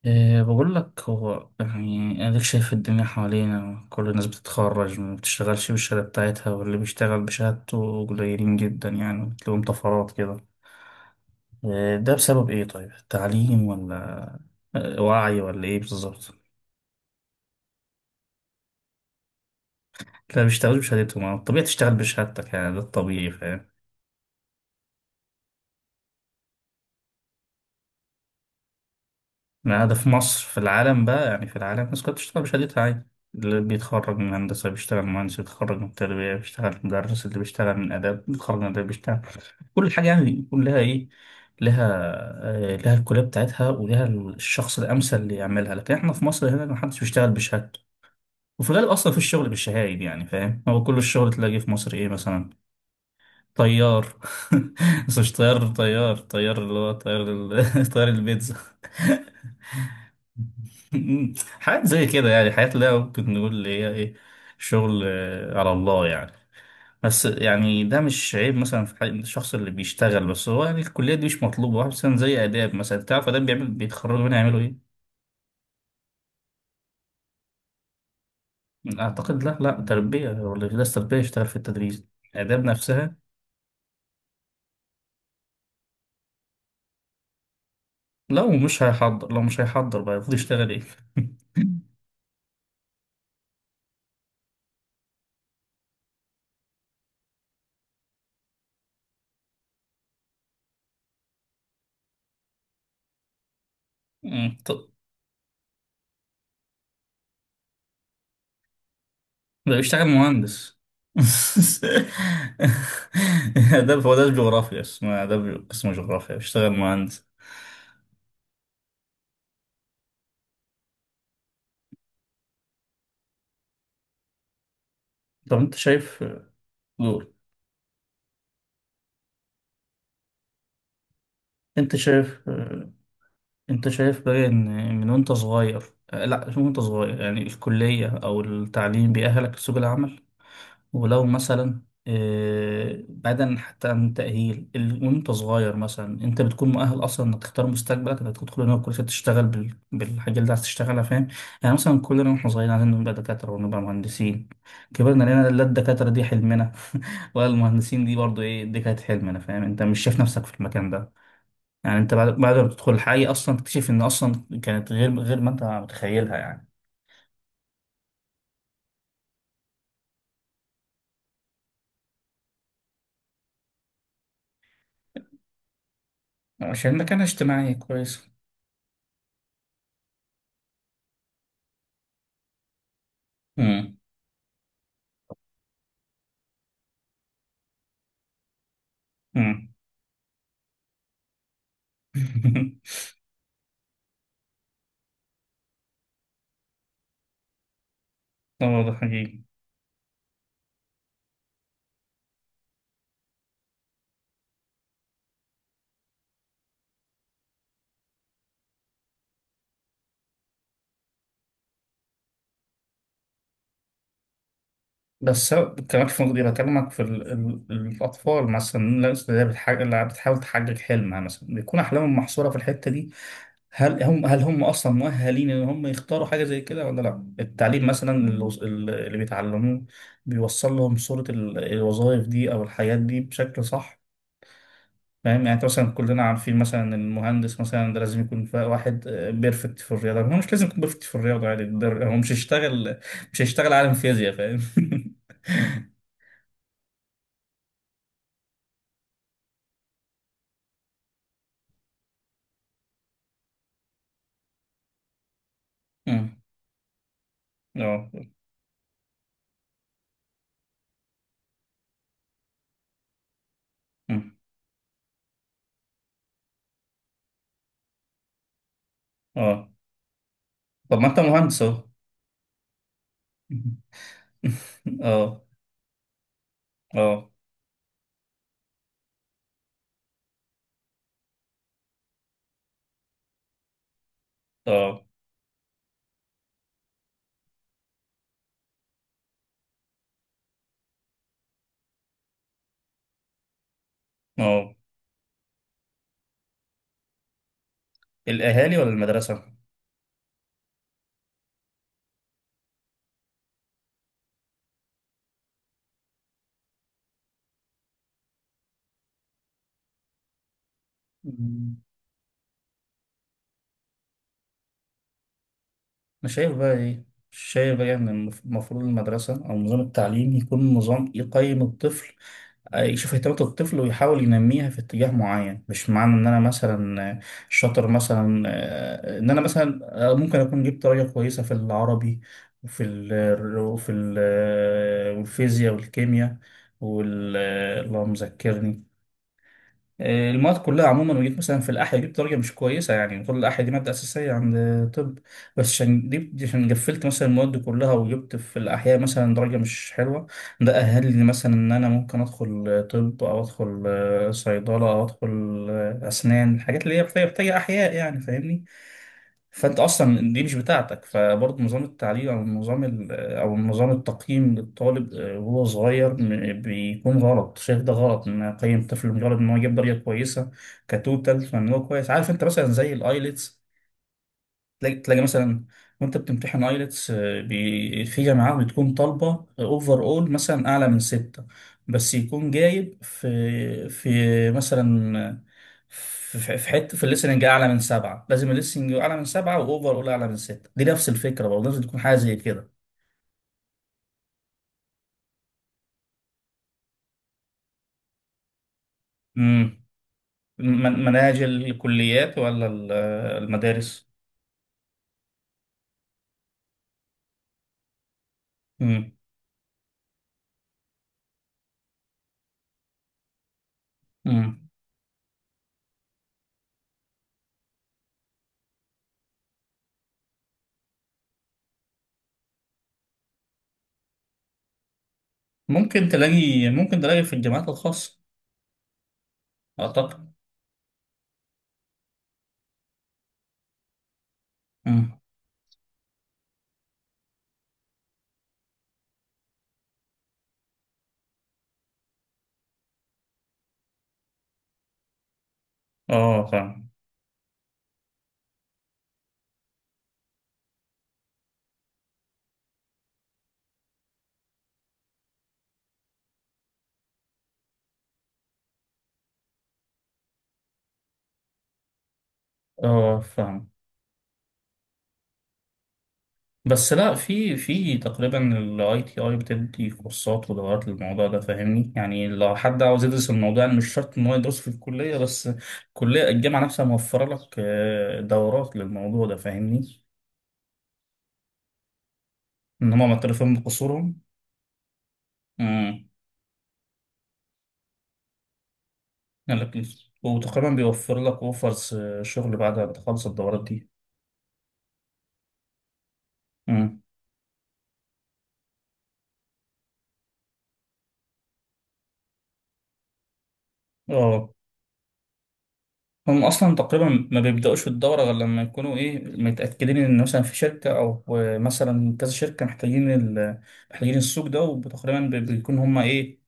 إيه بقول لك، هو يعني أديك شايف الدنيا حوالينا، كل الناس بتتخرج ما بتشتغلش بالشهادة بتاعتها، واللي بيشتغل بشهادته قليلين جدا، يعني بتلاقيهم طفرات كده. إيه ده بسبب إيه طيب؟ تعليم ولا؟ آه، وعي ولا إيه بالظبط؟ لا بيشتغلش بشهادتهم. آه، الطبيعي تشتغل بشهادتك، يعني ده الطبيعي، فاهم؟ ما ده في مصر، في العالم بقى، يعني في العالم الناس كلها بتشتغل بشهادتها عادي. اللي بيتخرج من هندسة بيشتغل مهندس، اللي بيتخرج من تربية بيشتغل مدرس، اللي بيشتغل من آداب بيتخرج من آداب بيشتغل. كل حاجة يعني يكون لها إيه، لها، لها الكلية بتاعتها ولها الشخص الأمثل اللي يعملها، لكن إحنا في مصر هنا محدش بيشتغل بشهادته. وفي الغالب أصلا في الشغل بالشهايد، يعني فاهم، هو كل الشغل تلاقيه في مصر إيه مثلا؟ طيار. بس مش طيار طيار طيار اللي هو طيار طيار البيتزا. حاجات زي كده، يعني حاجات اللي هي ممكن نقول اللي هي إيه؟ شغل آه، على الله يعني. بس يعني ده مش عيب مثلا في حق الشخص اللي بيشتغل، بس هو يعني الكلية دي مش مطلوبة، واحد مثلا زي آداب، مثلا تعرف آداب بيعمل، بيتخرجوا منها يعملوا إيه؟ أعتقد لا، لا، تربية هو اللي درس تربية يشتغل في التدريس. آداب نفسها. لو مش هيحضر بقى، المفروض يشتغل إيه؟ طب. ده بيشتغل مهندس. آداب، هو ده جغرافيا اسمه آداب، اسمه جغرافيا بيشتغل مهندس. طب أنت شايف. دول. أنت شايف انت شايف بقى ان، من وانت صغير. آه، لا مش من وانت صغير، يعني الكلية او التعليم بيأهلك لسوق العمل. ولو مثلا، آه، بعيدا حتى عن التأهيل وانت صغير مثلا، انت بتكون مؤهل اصلا انك تختار مستقبلك، انك تدخل هنا الكلية تشتغل بالحاجة اللي عايز تشتغلها، فاهم. يعني مثلا كلنا واحنا صغيرين عايزين نبقى دكاترة ونبقى مهندسين. كبرنا لقينا لا الدكاترة دي حلمنا ولا المهندسين دي، برضو ايه دي كانت حلمنا، فاهم؟ انت مش شايف نفسك في المكان ده. يعني انت بعد ما بتدخل الحي اصلا تكتشف ان اصلا كانت غير ما انت متخيلها يعني. عشان مكانها اجتماعي كويس. امم. امم. ده موضوع حقيقي. بس كمان في مقدار اكلمك في الاطفال مثلا، الناس اللي هي اللي بتحاول تحقق حلمها، مثلا بيكون احلامهم محصوره في الحته دي. هل هم اصلا مؤهلين ان هم يختاروا حاجه زي كده ولا لا؟ التعليم مثلا اللي بيتعلموه بيوصل لهم صوره الوظائف دي او الحياه دي بشكل صح؟ فاهم، يعني انت مثلا، كلنا عارفين مثلا إن المهندس مثلا ده لازم يكون واحد بيرفكت في الرياضه، هو مش لازم يكون بيرفكت في الرياضه، يعني هو مش هيشتغل عالم فيزياء، فاهم. أمم، اه. أمم، اه. طب ما انت مهندس اهو. اه، اه، اه، اه. الاهالي ولا المدرسه؟ أمم. انا شايف بقى ايه. شايف بقى ان المفروض المدرسه او نظام التعليم يكون نظام يقيم الطفل، يشوف اهتمامات الطفل ويحاول ينميها في اتجاه معين. مش معنى ان انا مثلا شاطر مثلا، آه، ان انا مثلا، آه، ممكن اكون جبت درجة كويسة في العربي، وفي ال وفي ال آه، والفيزياء والكيمياء، وال آه، اللهم ذكرني، آه، المواد كلها عموما، وجيت مثلا في الأحياء جبت درجة مش كويسة، يعني طول الأحياء دي مادة أساسية عند. طب، بس عشان دي، عشان قفلت مثلا المواد دي كلها وجبت في الأحياء مثلا درجة مش حلوة، ده أهلني مثلا إن أنا ممكن أدخل طب أو أدخل آه، صيدلة أو أدخل آه، أسنان، الحاجات اللي هي محتاجة أحياء يعني، فاهمني. فأنت أصلا دي مش بتاعتك، فبرضه نظام التعليم أو نظام التقييم للطالب، آه، وهو صغير بيكون غلط. شايف ده غلط ان اقيم طفل مجرد ان هو يجيب درجه كويسه كتوتال، فان هو كويس. عارف انت مثلا زي الايلتس، تلاقي مثلا، وانت بتمتحن ايلتس، في جامعات بتكون طالبه اوفر اول مثلا اعلى من 6، بس يكون جايب في مثلا في حته في الليسننج اعلى من 7، لازم الليسننج اعلى من 7 واوفر اول اعلى من 6، دي نفس الفكره برضه، لازم تكون حاجه زي كده. مناهج الكليات ولا المدارس؟ مم. مم. ممكن تلاقي في الجامعات الخاصة، أعتقد. مم. اه، فاهم. اه، فاهم. بس لا في تقريبا الـITI بتدي كورسات ودورات للموضوع ده، فاهمني؟ يعني لو حد عاوز يدرس الموضوع، يعني مش شرط ان هو يدرسه في الكلية بس، الكلية الجامعة نفسها موفرة لك آه، دورات للموضوع ده، فاهمني. ان هم معترفين بقصورهم، يعني لطيف. وتقريبا بيوفر لك اوفرز شغل بعد ما تخلص الدورات دي. امم. اه. هم اصلا تقريبا ما بيبداوش في الدوره غير لما يكونوا ايه، متاكدين ان مثلا في شركه او مثلا كذا شركه محتاجين السوق ده، وتقريبا بيكون هم ايه.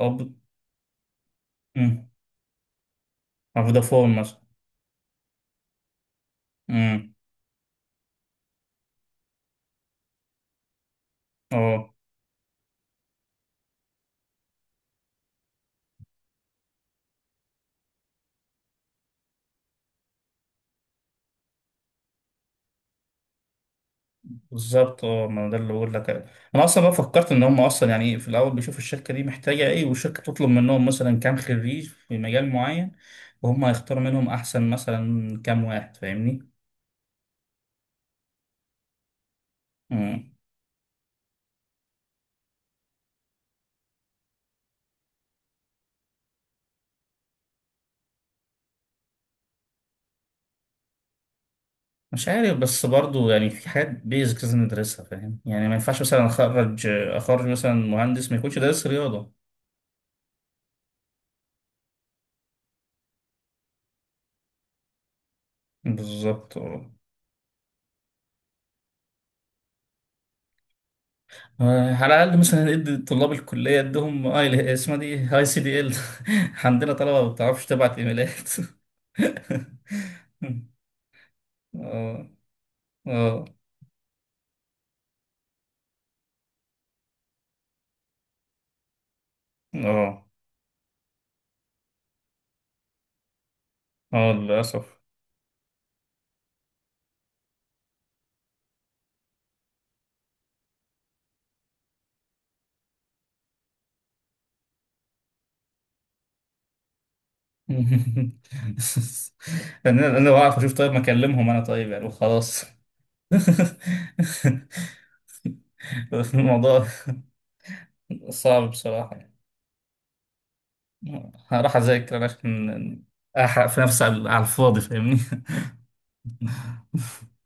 او ب... مم. أو فودافون مثلا. امم. اه، بالظبط. اه ما ده اللي بقول لك. انا اصلا بقى فكرت ان هم اصلا يعني إيه، في الاول بيشوفوا الشركه دي محتاجه ايه، والشركه تطلب منهم مثلا كام خريج في مجال معين، وهم هيختاروا منهم احسن مثلا كام واحد، فاهمني. مم. مش عارف، بس برضو يعني في حاجات بيزكس لازم ندرسها، فاهم؟ يعني ما ينفعش مثلا اخرج مثلا مهندس ما يكونش دارس رياضه. بالظبط، اه. آه، على الاقل مثلا ادي طلاب الكليه ادهم اي اسمها دي هاي سي دي ال. عندنا طلبه ما بتعرفش تبعت ايميلات. مم. اه. اه. اه. اه، للأسف. انا بعرف اشوف طيب، ما اكلمهم انا طيب يعني وخلاص. الموضوع صعب بصراحة يعني. هروح اذاكر أنا عشان احرق في نفسي على الفاضي، فاهمني.